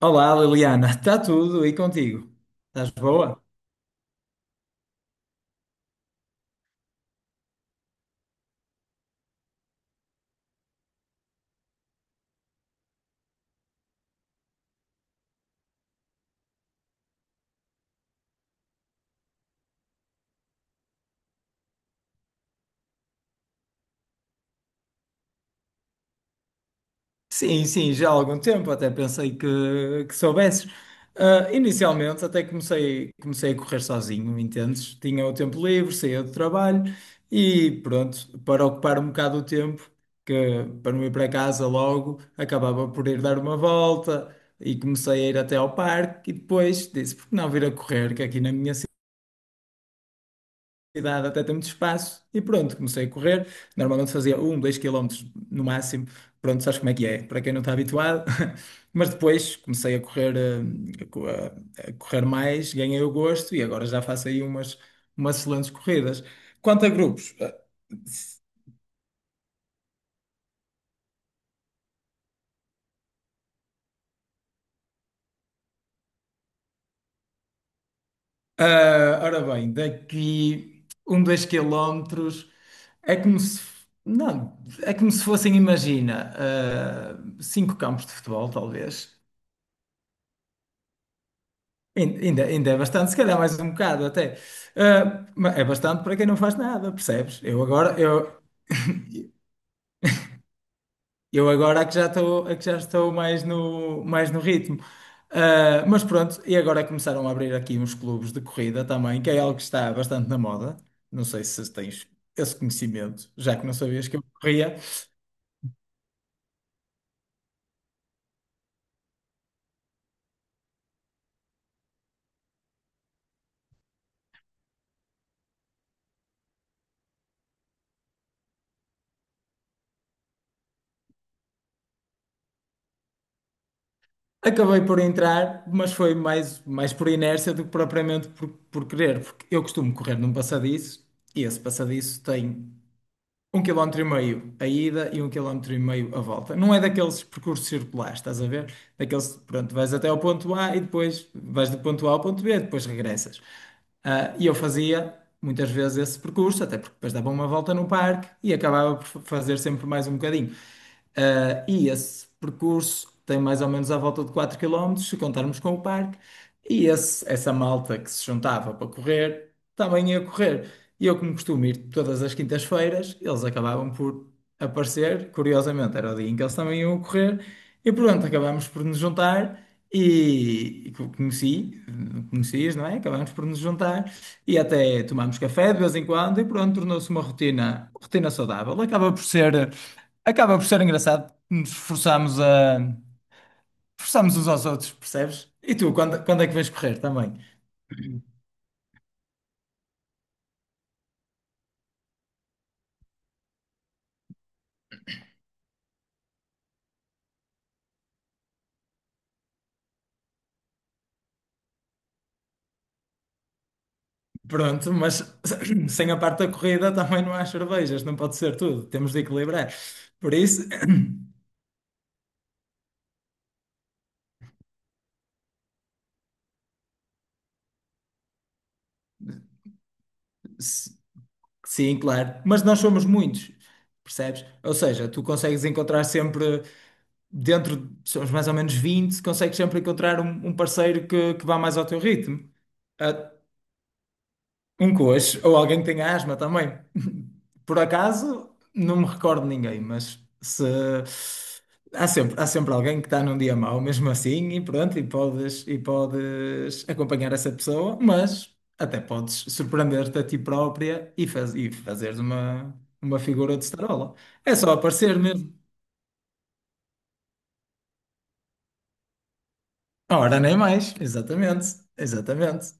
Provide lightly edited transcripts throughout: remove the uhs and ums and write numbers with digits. Olá, Liliana, está tudo e contigo? Estás boa? Sim, sim, já há algum tempo, até pensei que soubesses. Ah, inicialmente até comecei a correr sozinho, entendes? Tinha o tempo livre, saía do trabalho e pronto, para ocupar um bocado o tempo, que para não ir para casa logo, acabava por ir dar uma volta e comecei a ir até ao parque e depois disse, por que não vir a correr, que aqui na minha cidade até tem muito espaço. E pronto, comecei a correr. Normalmente fazia 1, 2 quilómetros no máximo. Pronto, sabes como é que é, para quem não está habituado. Mas depois comecei a correr, a correr mais, ganhei o gosto e agora já faço aí umas excelentes corridas. Quanto a grupos, ora bem, daqui 1, 2 quilómetros é como se, não, é como se fossem, imagina, cinco campos de futebol, talvez. Ainda é bastante, se calhar mais um bocado até. Ah, mas é bastante para quem não faz nada, percebes? Eu agora é que já estou mais no ritmo. Ah, mas pronto, e agora começaram a abrir aqui uns clubes de corrida também, que é algo que está bastante na moda. Não sei se tens esse conhecimento, já que não sabias que eu corria. Acabei por entrar, mas foi mais por inércia do que propriamente por querer, porque eu costumo correr num passadiço e esse passadiço tem 1,5 quilómetros a ida e 1,5 quilómetros a volta. Não é daqueles percursos circulares, estás a ver? Daqueles, pronto, vais até ao ponto A e depois vais do ponto A ao ponto B, depois regressas. Ah, e eu fazia muitas vezes esse percurso, até porque depois dava uma volta no parque e acabava por fazer sempre mais um bocadinho. E esse percurso tem mais ou menos à volta de 4 quilómetros se contarmos com o parque, e essa malta que se juntava para correr também ia correr. E eu, como costumo ir todas as quintas-feiras, eles acabavam por aparecer. Curiosamente, era o dia em que eles também iam correr, e pronto, acabámos por nos juntar. E conheci, conhecias, não é? Acabámos por nos juntar e até tomámos café de vez em quando, e pronto, tornou-se uma rotina, rotina saudável. Acaba por ser. Acaba por ser engraçado, nos forçamos a forçamos uns aos outros, percebes? E tu, quando é que vais correr também? Pronto, mas sem a parte da corrida também não há cervejas, não pode ser tudo, temos de equilibrar. Por isso, s- sim, claro, mas nós somos muitos, percebes? Ou seja, tu consegues encontrar sempre, dentro, somos mais ou menos 20. Consegues sempre encontrar um parceiro que vá mais ao teu ritmo. Ah, um coxo, ou alguém que tenha asma também. Por acaso, não me recordo de ninguém, mas se há sempre alguém que está num dia mau, mesmo assim, e pronto, e podes acompanhar essa pessoa, mas até podes surpreender-te a ti própria e fazeres uma figura de starola. É só aparecer mesmo. Ora, nem mais, exatamente, exatamente.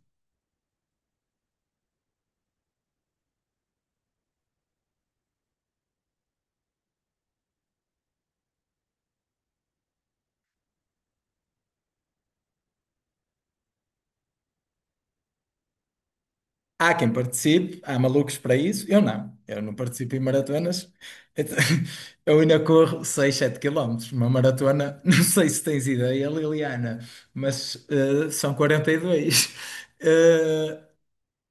Há quem participe, há malucos para isso. Eu não participo em maratonas. Então, eu ainda corro 6, 7 quilómetros. Uma maratona, não sei se tens ideia, Liliana, mas são 42. Eh,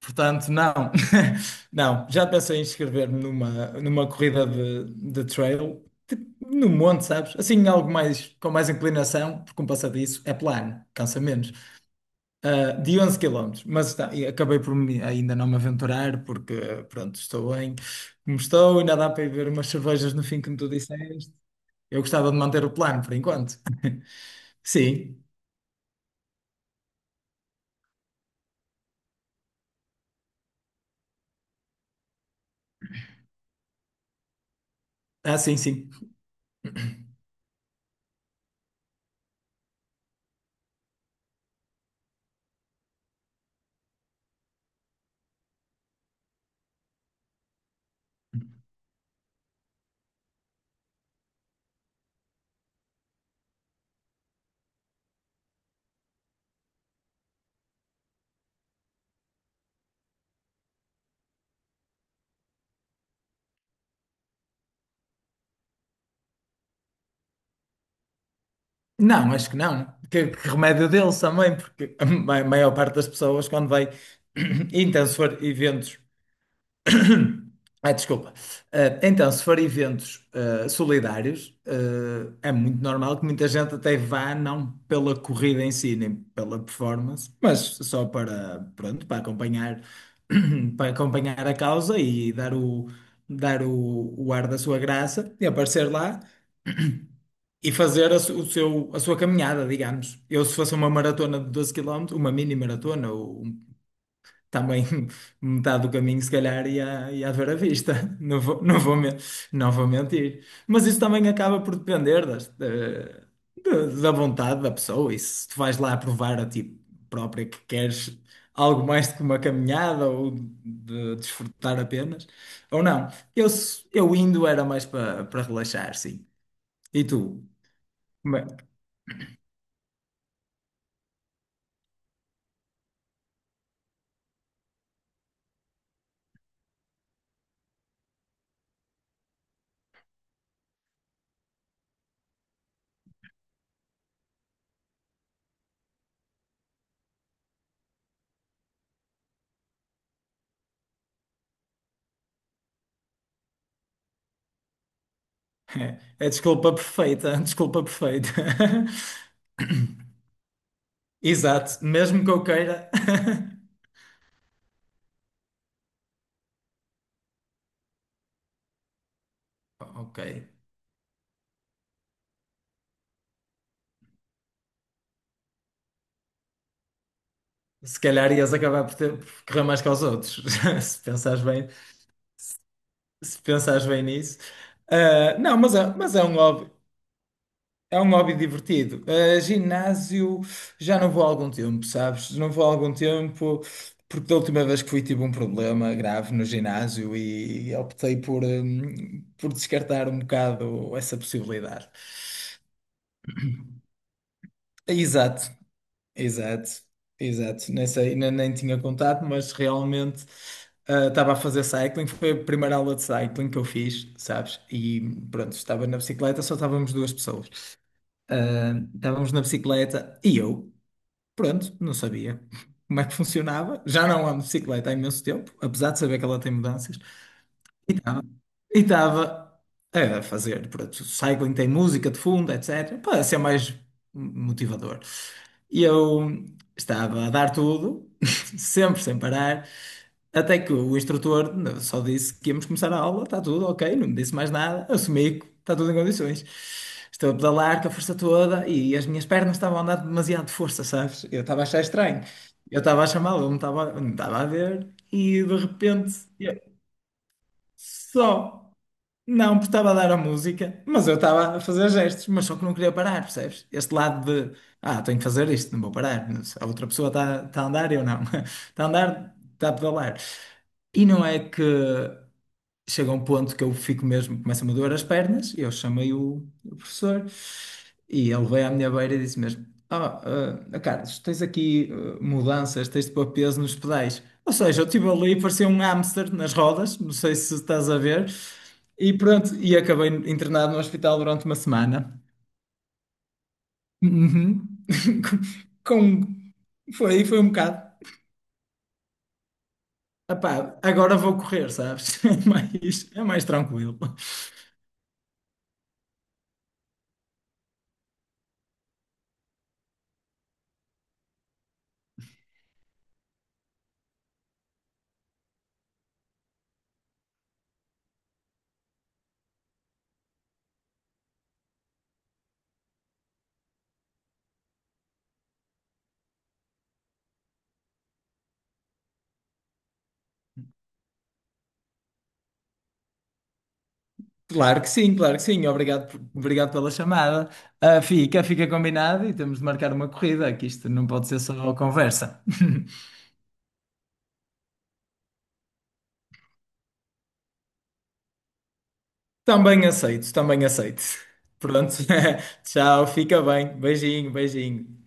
Portanto, não. Não, já pensei em inscrever-me numa corrida de trail, tipo, no monte, sabes? Assim, algo mais com mais inclinação, porque um passadiço é plano, cansa menos de 11 quilómetros, mas está, e acabei por ainda não me aventurar, porque pronto, estou bem como estou, ainda dá para ir ver umas cervejas no fim, como tu disseste. Eu gostava de manter o plano por enquanto. Sim, ah, sim, sim. Não, acho que não. Que remédio deles também, porque a maior parte das pessoas, quando vai, então, se for eventos. Ai, desculpa. Então, se for eventos solidários, é muito normal que muita gente até vá, não pela corrida em si, nem pela performance, mas só para, pronto, para acompanhar, para acompanhar a causa e dar o ar da sua graça e aparecer lá e fazer a, su- o seu, a sua caminhada, digamos. Eu, se fosse uma maratona de 12 quilómetros, uma mini maratona, ou um também metade do caminho, se calhar, ia haver à vista. Não vou, não vou, men- não vou mentir. Mas isso também acaba por depender das, da, da da vontade da pessoa. E se tu vais lá provar a ti própria que queres algo mais do que uma caminhada ou de desfrutar apenas, ou não. Eu indo era mais para relaxar, sim. E tu? Como É é desculpa perfeita, desculpa perfeita. Exato, mesmo que eu queira. Ok. Se calhar ias acabar por correr mais que aos outros, se pensares bem, se pensares bem nisso. Ah, não, mas é um hobby, é um hobby divertido. Ah, ginásio, já não vou há algum tempo, sabes? Não vou há algum tempo, porque da última vez que fui tive um problema grave no ginásio e optei por descartar um bocado essa possibilidade. Exato. Exato, exato. Nem sei, ainda nem tinha contato, mas realmente estava a fazer cycling. Foi a primeira aula de cycling que eu fiz, sabes? E pronto, estava na bicicleta, só estávamos duas pessoas. Ah, estávamos na bicicleta e eu, pronto, não sabia como é que funcionava. Já não ando de bicicleta há imenso tempo, apesar de saber que ela tem mudanças. Ah, e estava a fazer, pronto, cycling tem música de fundo, etc, para ser mais motivador. E eu estava a dar tudo, sempre sem parar, até que o instrutor só disse que íamos começar a aula, está tudo ok, não me disse mais nada, assumi que está tudo em condições. Estou a pedalar com a força toda e as minhas pernas estavam a andar demasiado de força, sabes? Eu estava a achar estranho. Eu estava a chamá-lo, ele não estava a ver e de repente eu só. Não, porque estava a dar a música, mas eu estava a fazer gestos, mas só que não queria parar, percebes? Este lado de, tenho que fazer isto, não vou parar. Mas a outra pessoa está, a andar, eu não. Está a andar, está a pedalar. E não é que chega a um ponto que eu fico mesmo, começa-me a doer as pernas, e eu chamei o professor e ele veio à minha beira e disse mesmo: Carlos, tens aqui mudanças, tens de pôr peso nos pedais. Ou seja, eu estive ali e parecia um hamster nas rodas, não sei se estás a ver, e pronto, e acabei internado no hospital durante uma semana. Uhum. Com, foi um bocado. Epá, agora vou correr, sabes? É mais tranquilo. Claro que sim, claro que sim. Obrigado, obrigado pela chamada. Ah, fica combinado e temos de marcar uma corrida, que isto não pode ser só conversa. Também aceito, também aceito. Pronto. Tchau, fica bem. Beijinho, beijinho.